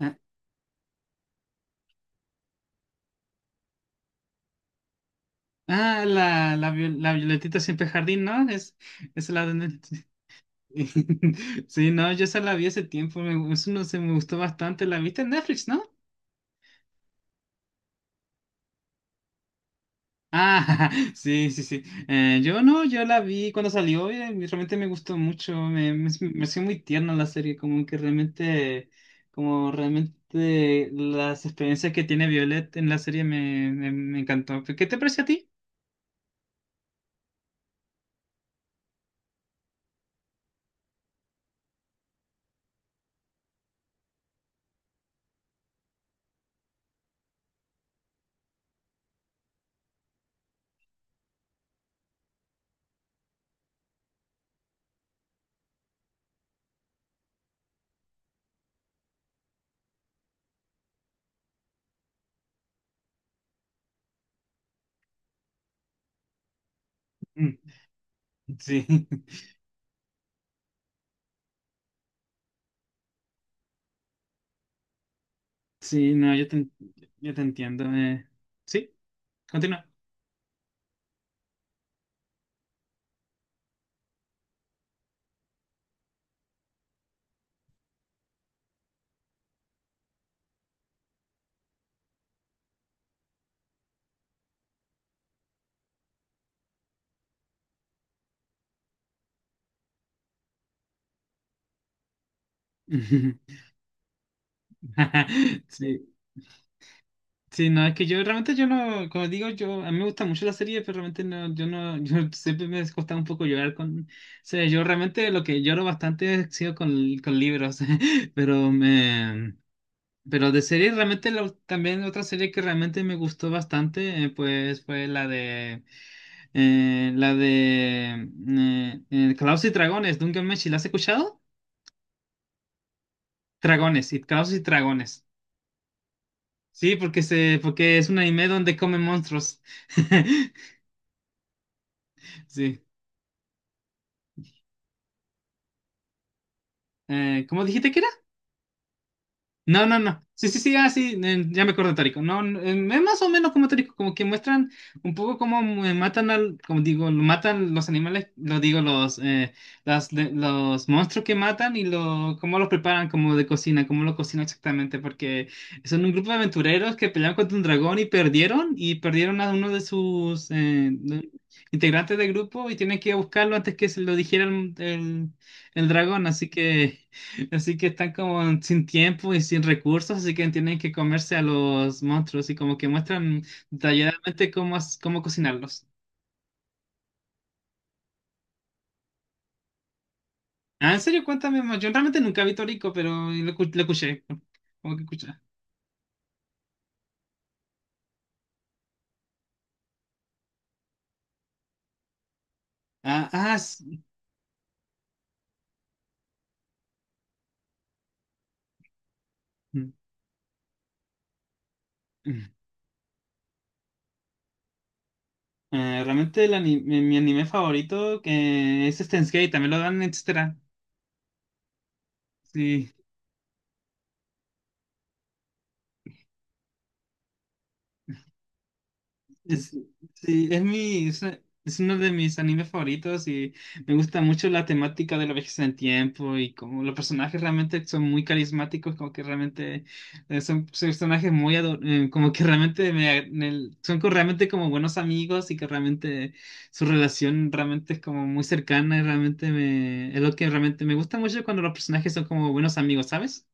Ah, la Violetita siempre jardín, ¿no? Es la de... Sí, no, yo esa la vi hace tiempo, eso no sé, me gustó bastante, la viste en Netflix, ¿no? Ah, sí, sí, sí. Yo no, yo la vi cuando salió y realmente me gustó mucho, me pareció muy tierna la serie, como realmente las experiencias que tiene Violet en la serie me encantó. ¿Qué te pareció a ti? Mm. Sí. Sí, no, yo te, en- yo te entiendo. Sí, continúa. Sí. Sí, no, es que yo realmente yo no, como digo, yo a mí me gusta mucho la serie, pero realmente no, yo siempre me costaba un poco llorar con, o sea, yo realmente lo que lloro bastante ha sido con libros, pero me. Pero de serie, realmente también otra serie que realmente me gustó bastante, pues fue la de Calabozos y Dragones, Dungeon Meshi, ¿la has escuchado? Dragones, y Calabozos y Dragones. Sí, porque es un anime donde comen monstruos. Sí. ¿Cómo dijiste que era? No, no, no. Sí, sí, sí, ah, sí, ya me acuerdo de Tórico. No, es más o menos como Tórico, como que muestran un poco cómo matan al, como digo, lo matan los animales, lo digo, los monstruos que matan y lo, cómo los preparan como de cocina, cómo lo cocinan exactamente, porque son un grupo de aventureros que pelearon contra un dragón y perdieron a uno de sus integrantes del grupo y tienen que buscarlo antes que se lo dijera el el dragón, así que... Así que están como sin tiempo y sin recursos, así que tienen que comerse a los monstruos y como que muestran detalladamente cómo cocinarlos. Ah, en serio, cuéntame más. Yo realmente nunca vi Torico, pero lo escuché. Como que escuché. Ah, ah, s- mm, mm. Realmente mi anime favorito que es Steins Gate, también lo dan, etcétera. Sí. Es, sí, es mi, es, es uno de mis animes favoritos y me gusta mucho la temática de la vejez en el tiempo y como los personajes realmente son muy carismáticos, como que realmente son personajes muy como que realmente me, ag- me- son co- realmente como buenos amigos y que realmente su relación realmente es como muy cercana y realmente me, es lo que realmente me gusta mucho cuando los personajes son como buenos amigos, ¿sabes?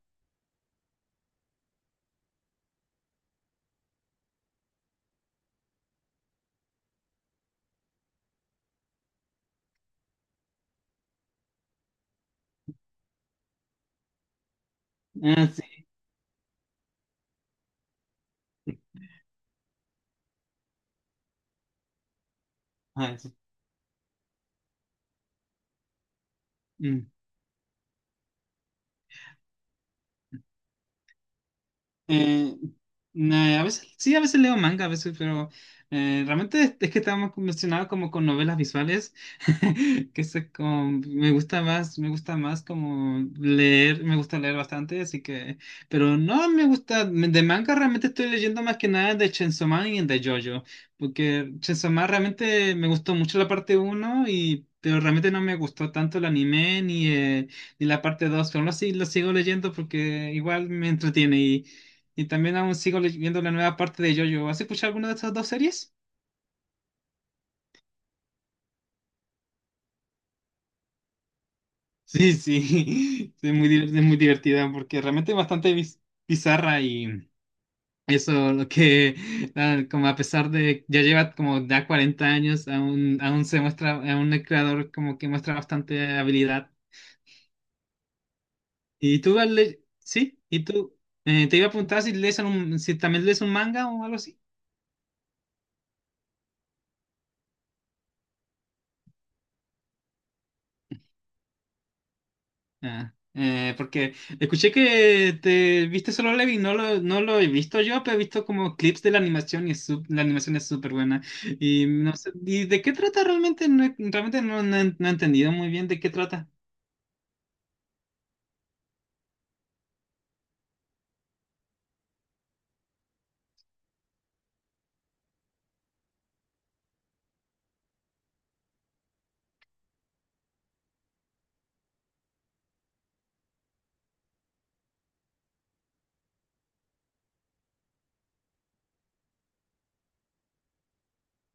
Ah, sí. Ah, sí. Eh, nah, a veces, sí, a veces leo manga, a veces, pero es que estamos mencionados como con novelas visuales, que eso es como, me gusta más como leer, me gusta leer bastante, así que, pero no me gusta, de manga realmente estoy leyendo más que nada de Chainsaw Man y de JoJo, porque Chainsaw Man realmente me gustó mucho la parte uno y... Pero realmente no me gustó tanto el anime ni, ni la parte 2 pero aún así lo sigo leyendo porque igual me entretiene y también aún sigo viendo la nueva parte de JoJo. ¿Has escuchado alguna de estas dos series? Sí, sí. Es muy divertida porque realmente es bastante bizarra y eso, lo que, nada, como a pesar de ya lleva como ya 40 años, aún se muestra, aún el creador como que muestra bastante habilidad. ¿Y tú, Ale- sí? ¿Y tú? Te iba a preguntar si si también lees un manga o algo así. Ah, porque escuché que te viste Solo Leveling, no lo he visto yo, pero he visto como clips de la animación y es la animación es súper buena. Y no sé, ¿y de qué trata realmente? Realmente no he entendido muy bien de qué trata.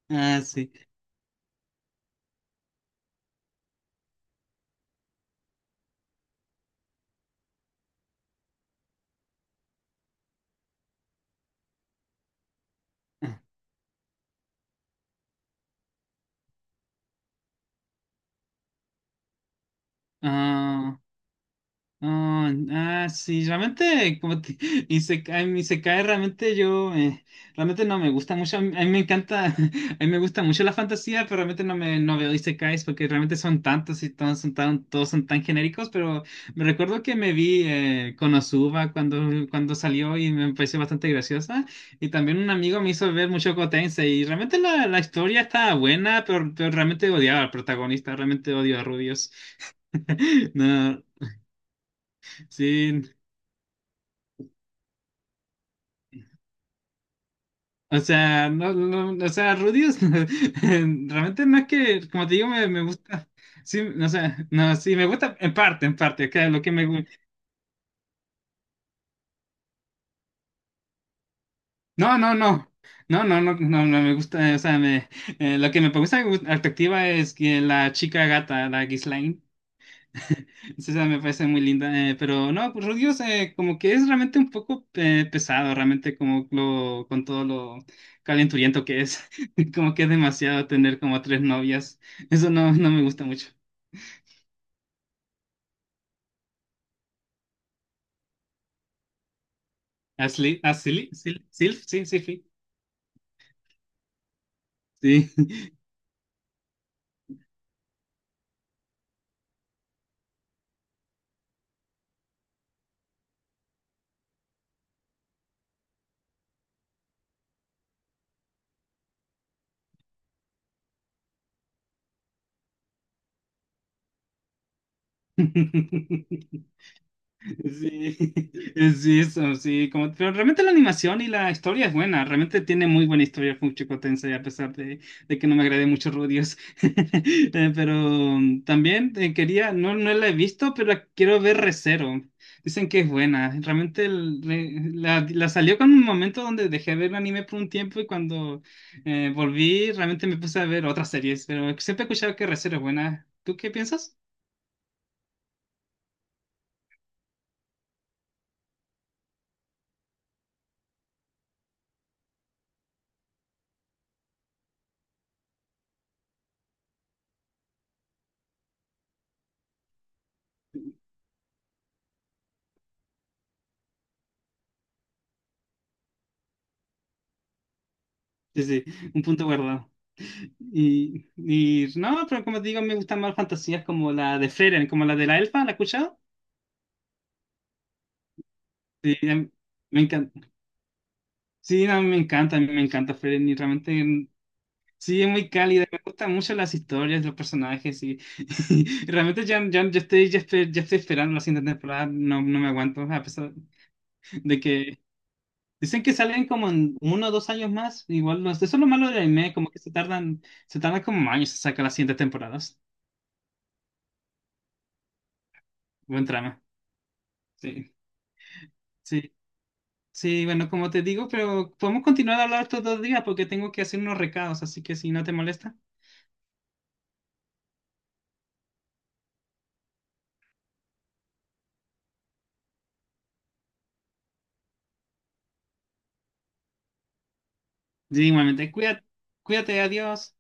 Ah, sí. Ah, ah. Ah, ah, sí, realmente, como te, Isekai, mi Isekai realmente no me gusta mucho, a mí me encanta, a mí me gusta mucho la fantasía, pero realmente no me, no veo Isekais porque realmente son tantos y todos son tan genéricos, pero me recuerdo que me vi Konosuba cuando salió y me pareció bastante graciosa, y también un amigo me hizo ver mucho Gotense, y realmente la historia estaba buena, pero realmente odiaba al protagonista, realmente odio a Rubius. No, sí. O sea, Rudius, realmente no es que, como te digo, me gusta. Sí, no, o sea, no, sí, me gusta en parte, que lo que me gusta. No, no, no. No, no, no, no, no me gusta, o sea, lo que me gusta en perspectiva es que la chica gata, la Ghislaine. Sí, o sea, me parece muy linda, pero no, pues Rudios como que es realmente un poco pesado, realmente como lo, con todo lo calenturiento que es, como que es demasiado tener como 3 novias, eso no, no me gusta mucho. Asli, Asli, Sil, Silf, sí, sí, sí. Sí. Sí, sí, eso, sí, como, pero realmente la animación y la historia es buena, realmente tiene muy buena historia Funchiko Tensei, a pesar de que no me agrade mucho Rudios. Pero también no, no la he visto, pero la quiero ver Re:Zero. Dicen que es buena, realmente la salió con un momento donde dejé de ver anime por un tiempo y cuando volví realmente me puse a ver otras series, pero siempre he escuchado que Re:Zero es buena. ¿Tú qué piensas? Sí, sí, un punto guardado. Y no, pero como te digo, me gustan más fantasías como la de Frieren, como la de la elfa, ¿la has escuchado? Sí, em, me encanta. Sí, no me encanta, a mí me encanta Frieren y realmente em, sí es muy cálida, me gustan mucho las historias, los personajes y, y realmente ya estoy esperando la siguiente temporada, no, no me aguanto, a pesar de que dicen que salen como en uno o dos años más, igual no, eso es lo malo del anime, como que se tardan como años en sacar las siguientes temporadas. Buen trama, sí. Sí, sí, bueno, como te digo, pero podemos continuar a hablar estos 2 días porque tengo que hacer unos recados, así que si no te molesta. Sí, igualmente, cuídate, cuídate, adiós.